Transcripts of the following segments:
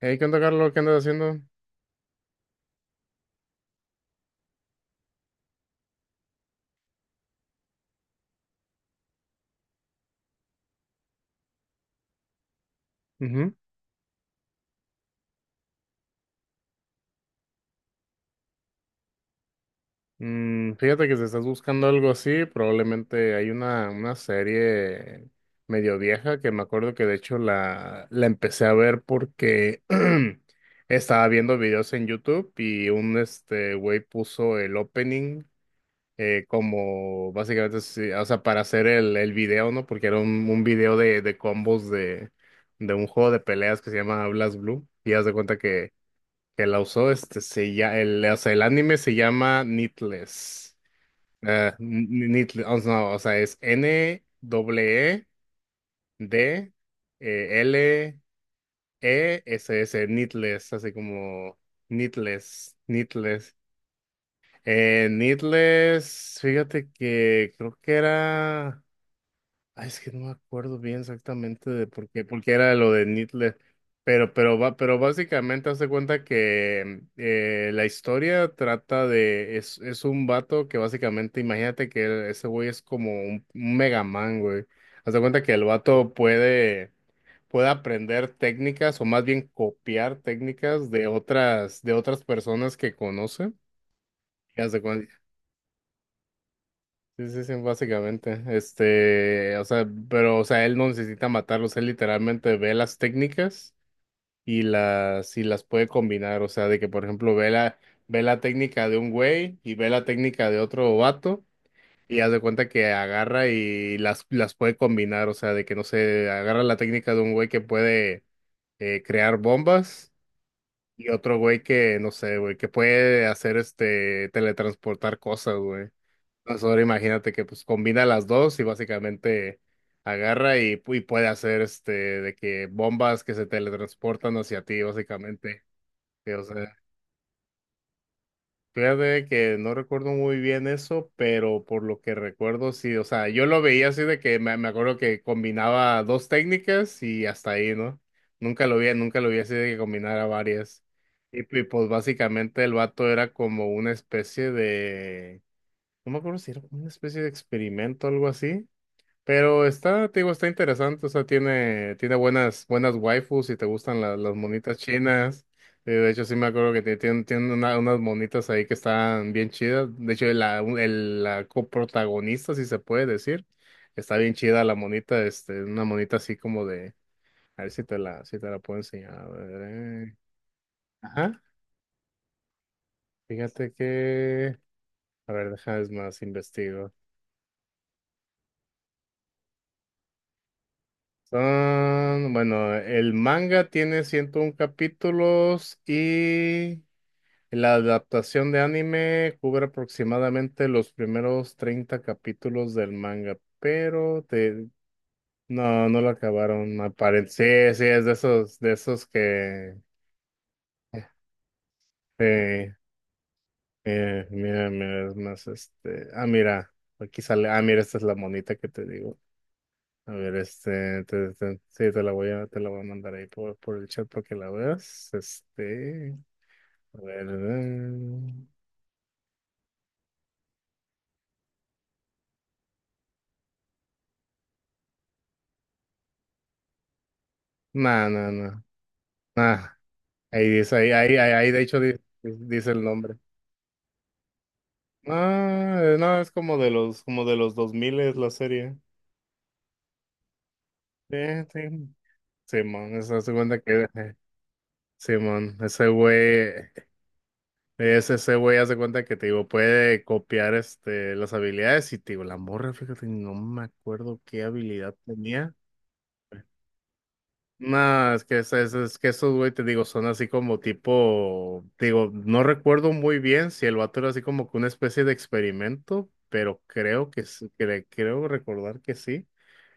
Hey, ¿qué onda, Carlos? ¿Qué andas haciendo? Ujú. Fíjate que si estás buscando algo así, probablemente hay una serie medio vieja que me acuerdo que de hecho la empecé a ver porque estaba viendo videos en YouTube y un este güey puso el opening como básicamente, sí, o sea, para hacer el video, ¿no? Porque era un video de combos de un juego de peleas que se llama Blast Blue y haz de cuenta que la usó, este, o sea, el anime se llama Needless. Needless, o sea, no, o sea, es N W E D L E S S, Needless, así como Needless, Needless. Needless, fíjate que creo que era. Ay, es que no me acuerdo bien exactamente de por qué, porque era lo de Nitler. Pero va, pero básicamente hace cuenta que la historia trata es un vato que básicamente, imagínate que ese güey es como un Mega Man, güey. Haz de cuenta que el vato puede aprender técnicas, o más bien copiar técnicas de otras personas que conoce. Y haz de cuen- Sí, sí, sí, básicamente. Este, o sea, pero, o sea, él no necesita matarlos, él literalmente ve las técnicas y las puede combinar. O sea, de que, por ejemplo, ve la técnica de un güey y ve la técnica de otro vato y haz de cuenta que agarra y las puede combinar. O sea, de que, no sé, agarra la técnica de un güey que puede crear bombas y otro güey que, no sé, güey, que puede hacer, este, teletransportar cosas, güey. Pues ahora imagínate que pues combina las dos y básicamente agarra y puede hacer este de que bombas que se teletransportan hacia ti, básicamente. Que, o sea, fíjate que no recuerdo muy bien eso, pero por lo que recuerdo sí, o sea, yo lo veía así de que me acuerdo que combinaba dos técnicas y hasta ahí, ¿no? Nunca lo vi, nunca lo vi así de que combinara varias. Y pues básicamente el vato era como una especie de, no me acuerdo si era una especie de experimento o algo así. Pero está, te digo, está interesante, o sea, tiene buenas, buenas waifus y te gustan las monitas chinas. De hecho, sí me acuerdo que tienen unas monitas ahí que están bien chidas. De hecho, la coprotagonista, si se puede decir, está bien chida la monita, este, una monita así como de, a ver si te la puedo enseñar. A ver. Ajá, fíjate que, a ver, deja, es más, investigo. Son, bueno, el manga tiene 101 capítulos y la adaptación de anime cubre aproximadamente los primeros 30 capítulos del manga, pero te, no, no lo acabaron. Aparece, sí, sí, es de esos que, eh, mira, mira, es más, este, ah, mira, aquí sale, ah, mira, esta es la monita que te digo. A ver, este, sí, te la voy a mandar ahí por el chat para que la veas. Este, a ver, no, no, no, nah, ahí dice, ahí, de hecho dice, el nombre. Ah, no, es como de los 2000 es la serie. Sí, sí, Simón, eso hace cuenta que, Simón, ese güey hace cuenta que, te digo, puede copiar, este, las habilidades y, te digo, la morra, fíjate, no me acuerdo qué habilidad tenía. No, es que esos, güey, te digo, son así como tipo, digo, no recuerdo muy bien si el vato era así como que una especie de experimento, pero creo que sí, creo recordar que sí.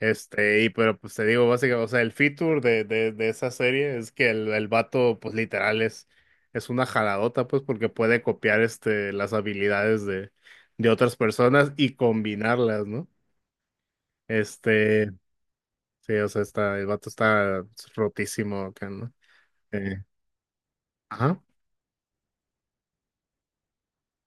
Este, y pero pues te digo, básicamente, o sea, el feature de esa serie es que el vato, pues literal, es una jaladota, pues, porque puede copiar este, las habilidades de otras personas y combinarlas, ¿no? Este, sí, o sea, el vato está rotísimo acá, ¿no? Eh, ajá,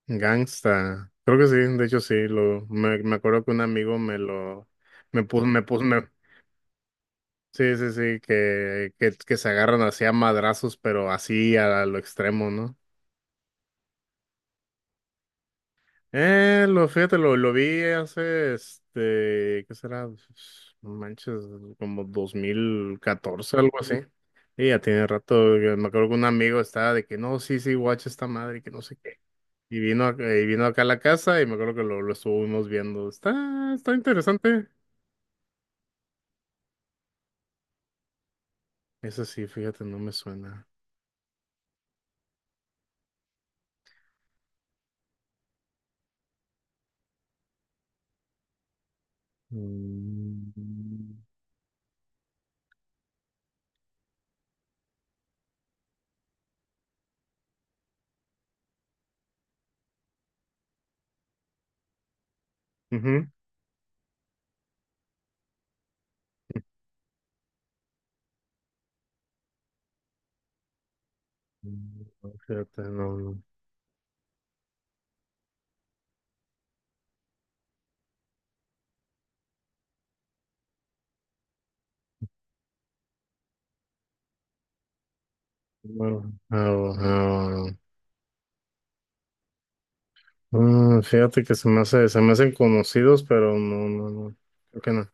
Gangsta. Creo que sí, de hecho sí, me acuerdo que un amigo me lo, me puso, sí, sí, sí, que se agarran así a madrazos, pero así a, lo extremo, ¿no? Fíjate, lo vi hace, este, ¿qué será? No manches, como 2014 algo así. Y ya tiene rato, yo me acuerdo que un amigo estaba de que, no, sí, sí, watch esta madre, que no sé qué. Y vino acá a la casa y me acuerdo que lo estuvimos viendo. Está interesante. Eso sí, fíjate, no me suena. Mm, ujú. Mm, Fíjate, no, no. No, no, no, no. Ah, bueno. Fíjate que se me hacen conocidos, pero no, no, no. Creo que no.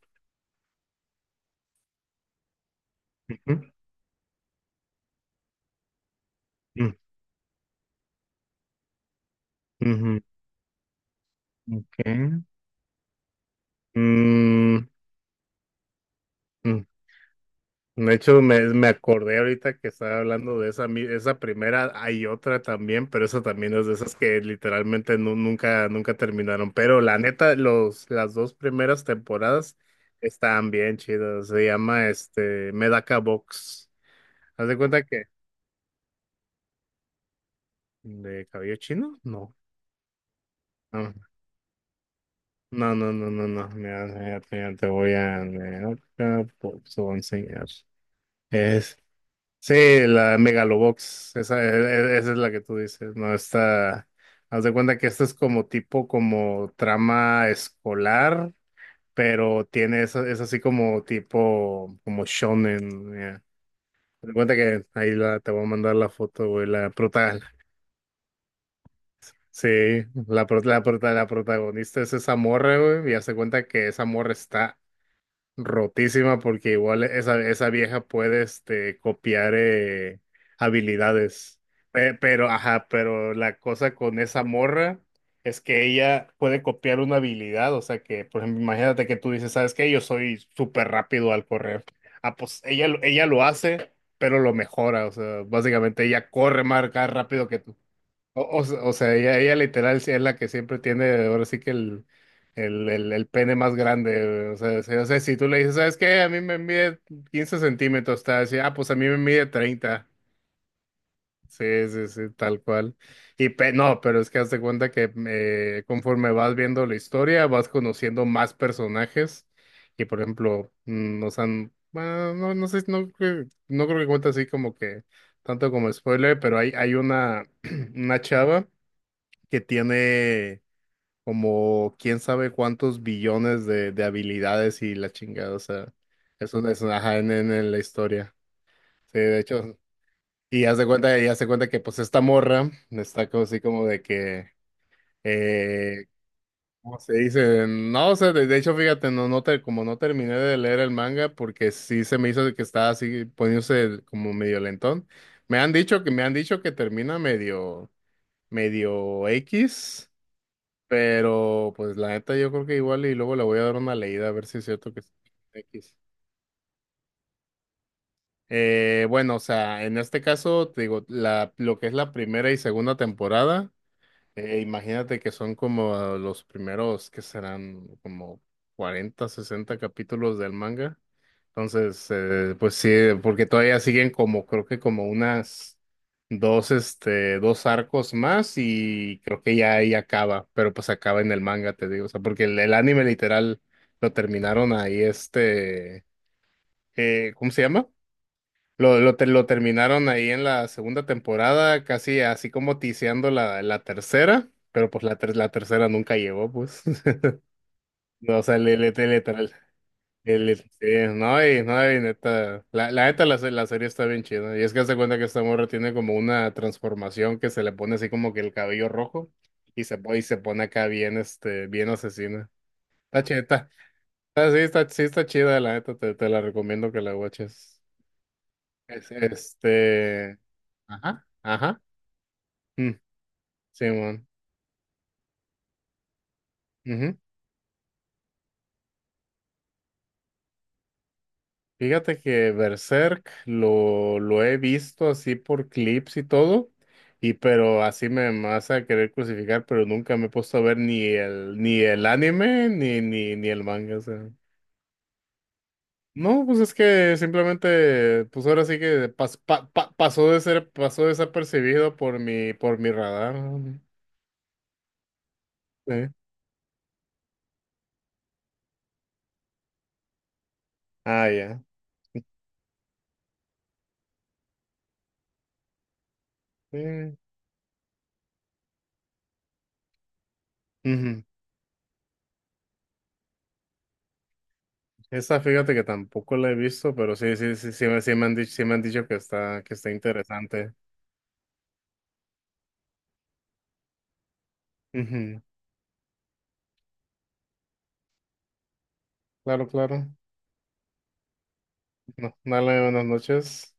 Ujú, ujú, ujú. Ok. Mm, De hecho, me acordé ahorita que estaba hablando de esa, esa primera, hay otra también, pero esa también es de esas que literalmente nunca terminaron. Pero la neta, las dos primeras temporadas estaban bien chidas. Se llama este Medaka Box. ¿Haz de cuenta que? ¿De cabello chino? No. No, no, no, no, no. No. Mira, mira, mira, te voy a Medaka Box, te voy a enseñar. Sí, la Megalobox, esa, esa es la que tú dices, ¿no? Esta, haz de cuenta que esta es como tipo, como trama escolar, pero tiene, esa- es, así como tipo, como shonen, ya. Haz de cuenta que ahí la, te voy a mandar la foto, güey, la prota, sí, la protagonista es esa morra, güey, y haz de cuenta que esa morra está rotísima porque igual esa vieja puede este, copiar habilidades. Pero, ajá, pero la cosa con esa morra es que ella puede copiar una habilidad. O sea que, por ejemplo, imagínate que tú dices, ¿sabes qué? Yo soy súper rápido al correr. Ah, pues ella lo hace, pero lo mejora. O sea, básicamente ella corre más rápido que tú. O sea, ella literal sí es la que siempre tiene, ahora sí que el pene más grande. O sea, si tú le dices, ¿sabes qué? A mí me mide 15 cm, está así, ah, pues a mí me mide 30. Sí, sí, sí, tal cual. No, pero es que haz de cuenta que conforme vas viendo la historia, vas conociendo más personajes. Y por ejemplo, o sea, bueno, no, no sé, no, no creo que cuente así como que tanto como spoiler, pero hay una, una chava que tiene como quién sabe cuántos billones de habilidades y la chingada, o sea, es una ajá, en la historia. Sí, de hecho, y haz de cuenta que pues esta morra está como así como de que, eh, ¿cómo se dice? No, o sea, de hecho, fíjate, no, no te, como no terminé de leer el manga porque sí se me hizo de que estaba así poniéndose como medio lentón. Me han dicho que termina medio, medio X. Pero, pues la neta, yo creo que igual y luego le voy a dar una leída a ver si es cierto que es X. Bueno, o sea, en este caso, te digo, lo que es la primera y segunda temporada, imagínate que son como los primeros que serán como 40 60 capítulos del manga. Entonces, pues sí, porque todavía siguen como, creo que como unas dos arcos más y creo que ya ahí acaba, pero pues acaba en el manga, te digo, o sea, porque el anime literal lo terminaron ahí, este, ¿cómo se llama? Lo terminaron ahí en la segunda temporada, casi así como tiseando la tercera, pero pues la tercera nunca llegó, pues. No, o sea, literal, el, sí, no, y, no, y neta, la neta la, la serie está bien chida, y es que hace cuenta que esta morra tiene como una transformación que se le pone así como que el cabello rojo, y se pone acá bien asesina, está chida, sí está chida, la neta, te la recomiendo que la watches, Este, ajá, ajá, mm, Simón. Fíjate que Berserk lo he visto así por clips y todo, y pero así me vas a querer crucificar, pero nunca me he puesto a ver ni el anime ni el manga. O sea. No, pues es que simplemente, pues ahora sí que pasó desapercibido por mi radar, ¿no? Sí. Ah, ya. Sí. Ujú. Esa fíjate que tampoco la he visto, pero sí, sí, sí, sí me han dicho, sí me han dicho que que está interesante. Claro, claro. No, dale, buenas noches.